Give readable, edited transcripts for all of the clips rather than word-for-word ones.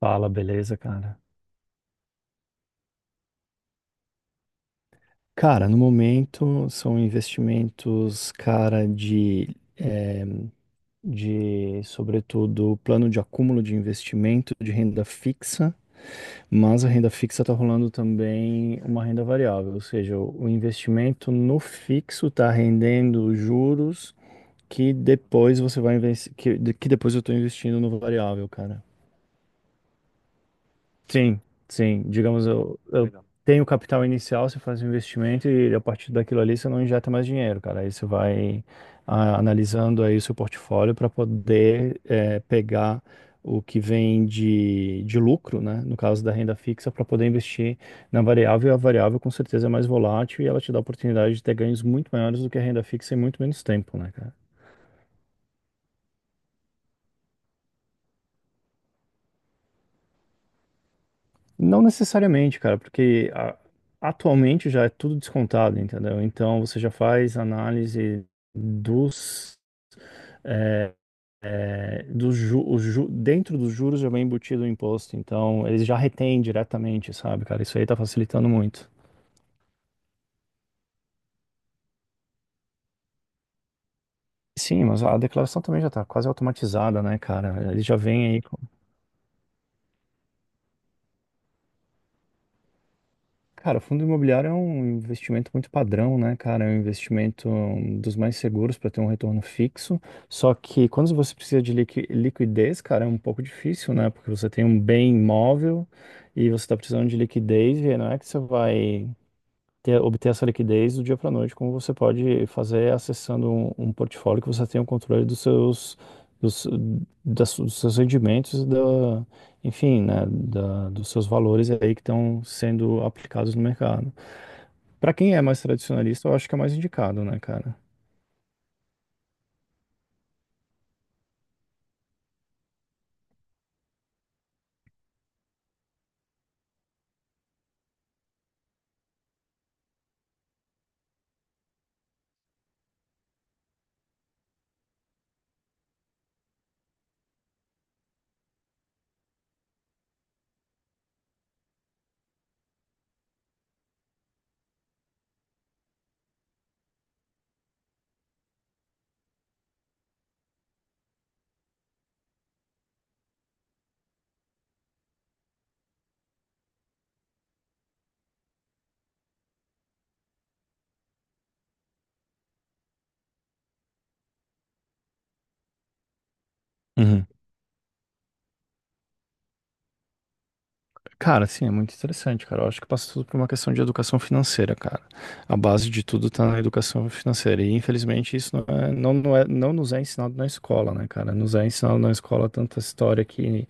Fala, beleza, cara? Cara, no momento são investimentos, cara, eh, de sobretudo, plano de acúmulo de investimento de renda fixa, mas a renda fixa está rolando também uma renda variável, ou seja, o investimento no fixo está rendendo juros que depois você vai investir, que depois eu estou investindo no variável, cara. Sim, sim. Digamos, eu Legal. Tenho capital inicial, você faz um investimento e a partir daquilo ali você não injeta mais dinheiro, cara. Aí você vai analisando aí o seu portfólio para poder pegar o que vem de lucro, né? No caso da renda fixa, para poder investir na variável. E a variável com certeza é mais volátil e ela te dá a oportunidade de ter ganhos muito maiores do que a renda fixa em muito menos tempo, né, cara? Não necessariamente, cara, porque atualmente já é tudo descontado, entendeu? Então você já faz análise dos, é, dos dentro dos juros já vem embutido o imposto, então eles já retêm diretamente, sabe, cara? Isso aí tá facilitando muito. Sim, mas a declaração também já tá quase automatizada, né, cara? Ele já vem aí. Cara, fundo imobiliário é um investimento muito padrão, né, cara? É um investimento dos mais seguros para ter um retorno fixo. Só que quando você precisa de liquidez, cara, é um pouco difícil, né? Porque você tem um bem imóvel e você está precisando de liquidez e não é que você vai ter, obter essa liquidez do dia para a noite, como você pode fazer acessando um portfólio que você tenha o controle dos dos, dos seus rendimentos, e enfim, né, dos seus valores aí que estão sendo aplicados no mercado. Para quem é mais tradicionalista, eu acho que é mais indicado, né, cara? Cara, sim, é muito interessante, cara. Eu acho que passa tudo por uma questão de educação financeira, cara. A base de tudo tá na educação financeira. E infelizmente isso não é, não nos é ensinado na escola, né, cara? Nos é ensinado na escola tanta história que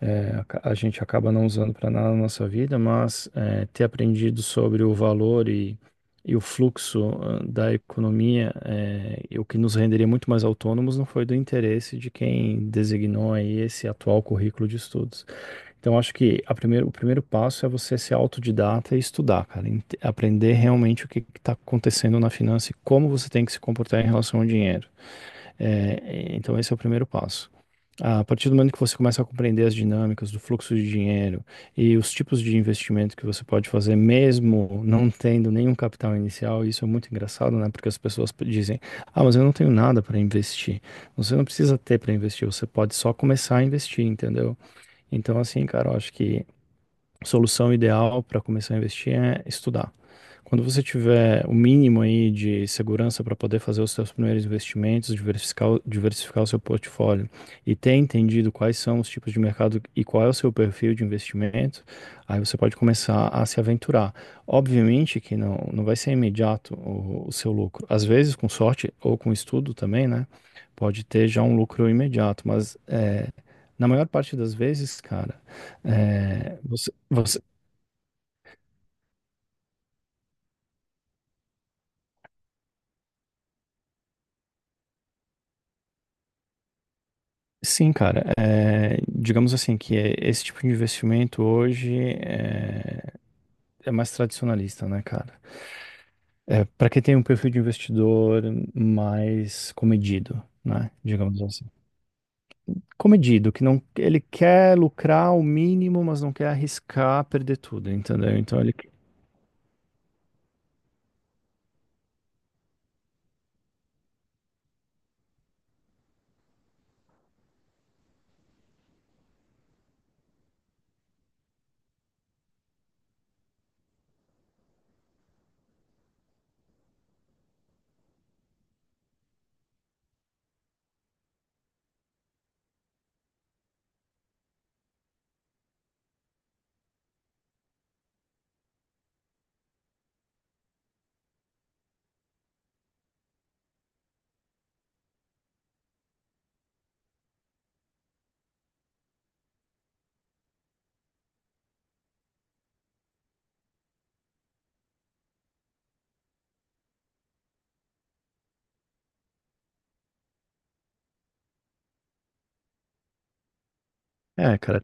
a gente acaba não usando para nada na nossa vida, mas é, ter aprendido sobre o valor e o fluxo da economia, é, e o que nos renderia muito mais autônomos, não foi do interesse de quem designou aí esse atual currículo de estudos. Então, acho que o primeiro passo é você ser autodidata e estudar, cara. Aprender realmente o que está acontecendo na finança e como você tem que se comportar em relação ao dinheiro. É, então, esse é o primeiro passo. A partir do momento que você começa a compreender as dinâmicas do fluxo de dinheiro e os tipos de investimento que você pode fazer, mesmo não tendo nenhum capital inicial, isso é muito engraçado, né? Porque as pessoas dizem: Ah, mas eu não tenho nada para investir. Você não precisa ter para investir, você pode só começar a investir, entendeu? Então, assim, cara, eu acho que solução ideal para começar a investir é estudar. Quando você tiver o mínimo aí de segurança para poder fazer os seus primeiros investimentos, diversificar, diversificar o seu portfólio e ter entendido quais são os tipos de mercado e qual é o seu perfil de investimento, aí você pode começar a se aventurar. Obviamente que não vai ser imediato o seu lucro. Às vezes, com sorte ou com estudo também, né? Pode ter já um lucro imediato, mas é, na maior parte das vezes, cara é, você- sim, cara. Digamos assim que esse tipo de investimento hoje é, é mais tradicionalista, né, cara? É, para quem tem um perfil de investidor mais comedido, né? Digamos assim. Comedido, que não, ele quer lucrar o mínimo, mas não quer arriscar perder tudo, entendeu? Então ele, é, cara,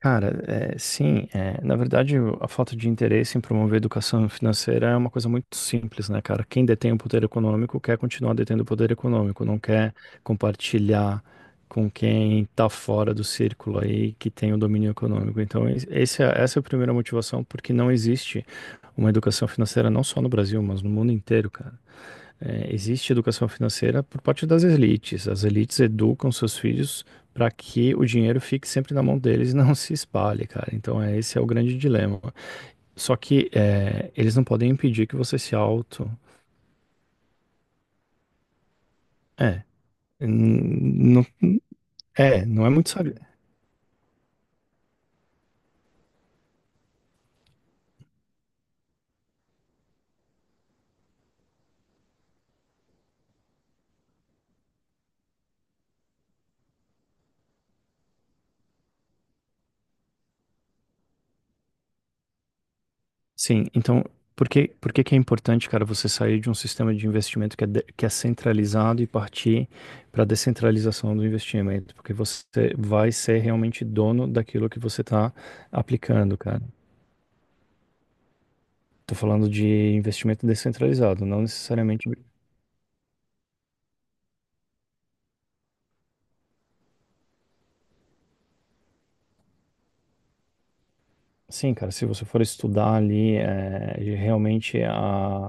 cara, na verdade a falta de interesse em promover educação financeira é uma coisa muito simples, né, cara? Quem detém o poder econômico quer continuar detendo o poder econômico, não quer compartilhar com quem tá fora do círculo aí que tem o domínio econômico. Então, esse essa é a primeira motivação, porque não existe uma educação financeira não só no Brasil, mas no mundo inteiro, cara. É, existe educação financeira por parte das elites. As elites educam seus filhos para que o dinheiro fique sempre na mão deles e não se espalhe, cara. Então, é, esse é o grande dilema. Só que é, eles não podem impedir que você se auto. É, não, é, não é muito sábio. Sim, então, por que que é importante, cara, você sair de um sistema de investimento que é, que é centralizado e partir para a descentralização do investimento? Porque você vai ser realmente dono daquilo que você está aplicando, cara. Tô falando de investimento descentralizado, não necessariamente sim, cara, se você for estudar ali, é, realmente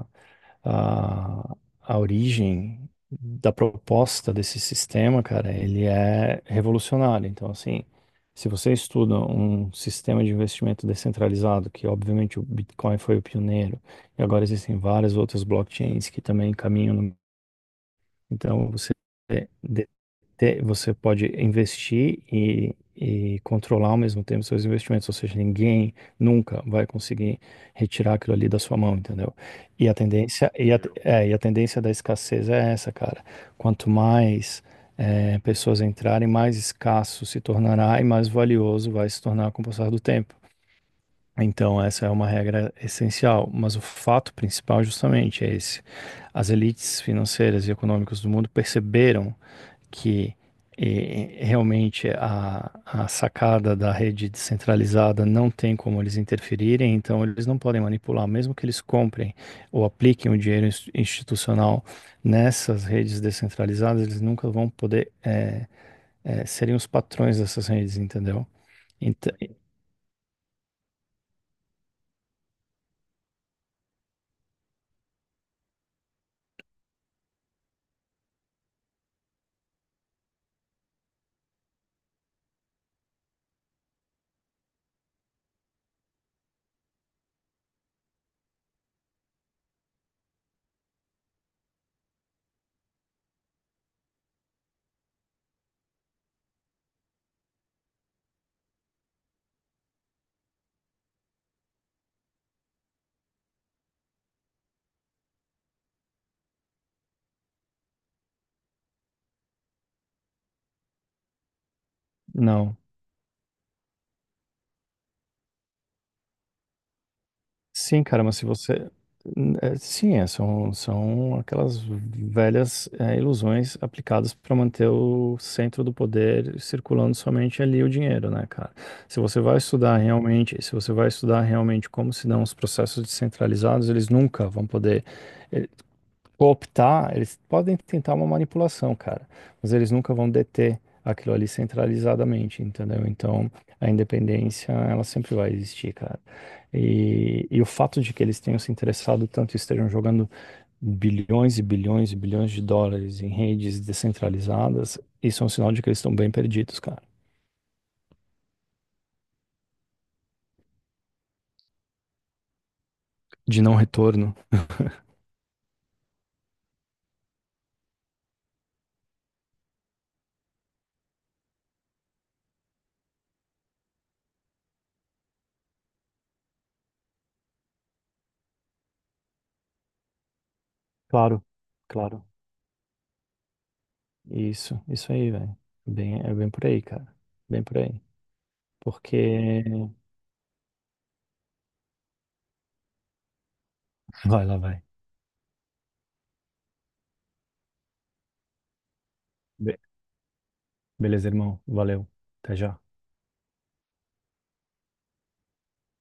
a, a origem da proposta desse sistema, cara, ele é revolucionário. Então, assim, se você estuda um sistema de investimento descentralizado, que obviamente o Bitcoin foi o pioneiro, e agora existem várias outras blockchains que também caminham no então, você, é, de- você pode investir e controlar ao mesmo tempo seus investimentos, ou seja, ninguém nunca vai conseguir retirar aquilo ali da sua mão, entendeu? E a tendência, e a tendência da escassez é essa, cara. Quanto mais é, pessoas entrarem, mais escasso se tornará e mais valioso vai se tornar com o passar do tempo. Então, essa é uma regra essencial, mas o fato principal justamente é esse. As elites financeiras e econômicas do mundo perceberam que realmente a sacada da rede descentralizada não tem como eles interferirem, então eles não podem manipular, mesmo que eles comprem ou apliquem o dinheiro institucional nessas redes descentralizadas, eles nunca vão poder serem os patrões dessas redes, entendeu? Então, não. Sim, cara, mas se você. Sim, é, são, são aquelas velhas é, ilusões aplicadas para manter o centro do poder circulando somente ali o dinheiro, né, cara? Se você vai estudar realmente, se você vai estudar realmente como se dão os processos descentralizados, eles nunca vão poder cooptar, eles podem tentar uma manipulação, cara, mas eles nunca vão deter aquilo ali centralizadamente, entendeu? Então, a independência, ela sempre vai existir, cara. E o fato de que eles tenham se interessado tanto e estejam jogando bilhões e bilhões e bilhões de dólares em redes descentralizadas, isso é um sinal de que eles estão bem perdidos, cara. De não retorno. Claro, claro. Isso aí, velho. Bem, é bem por aí, cara. Bem por aí. Porque. Vai lá, vai. Beleza, irmão. Valeu. Até já.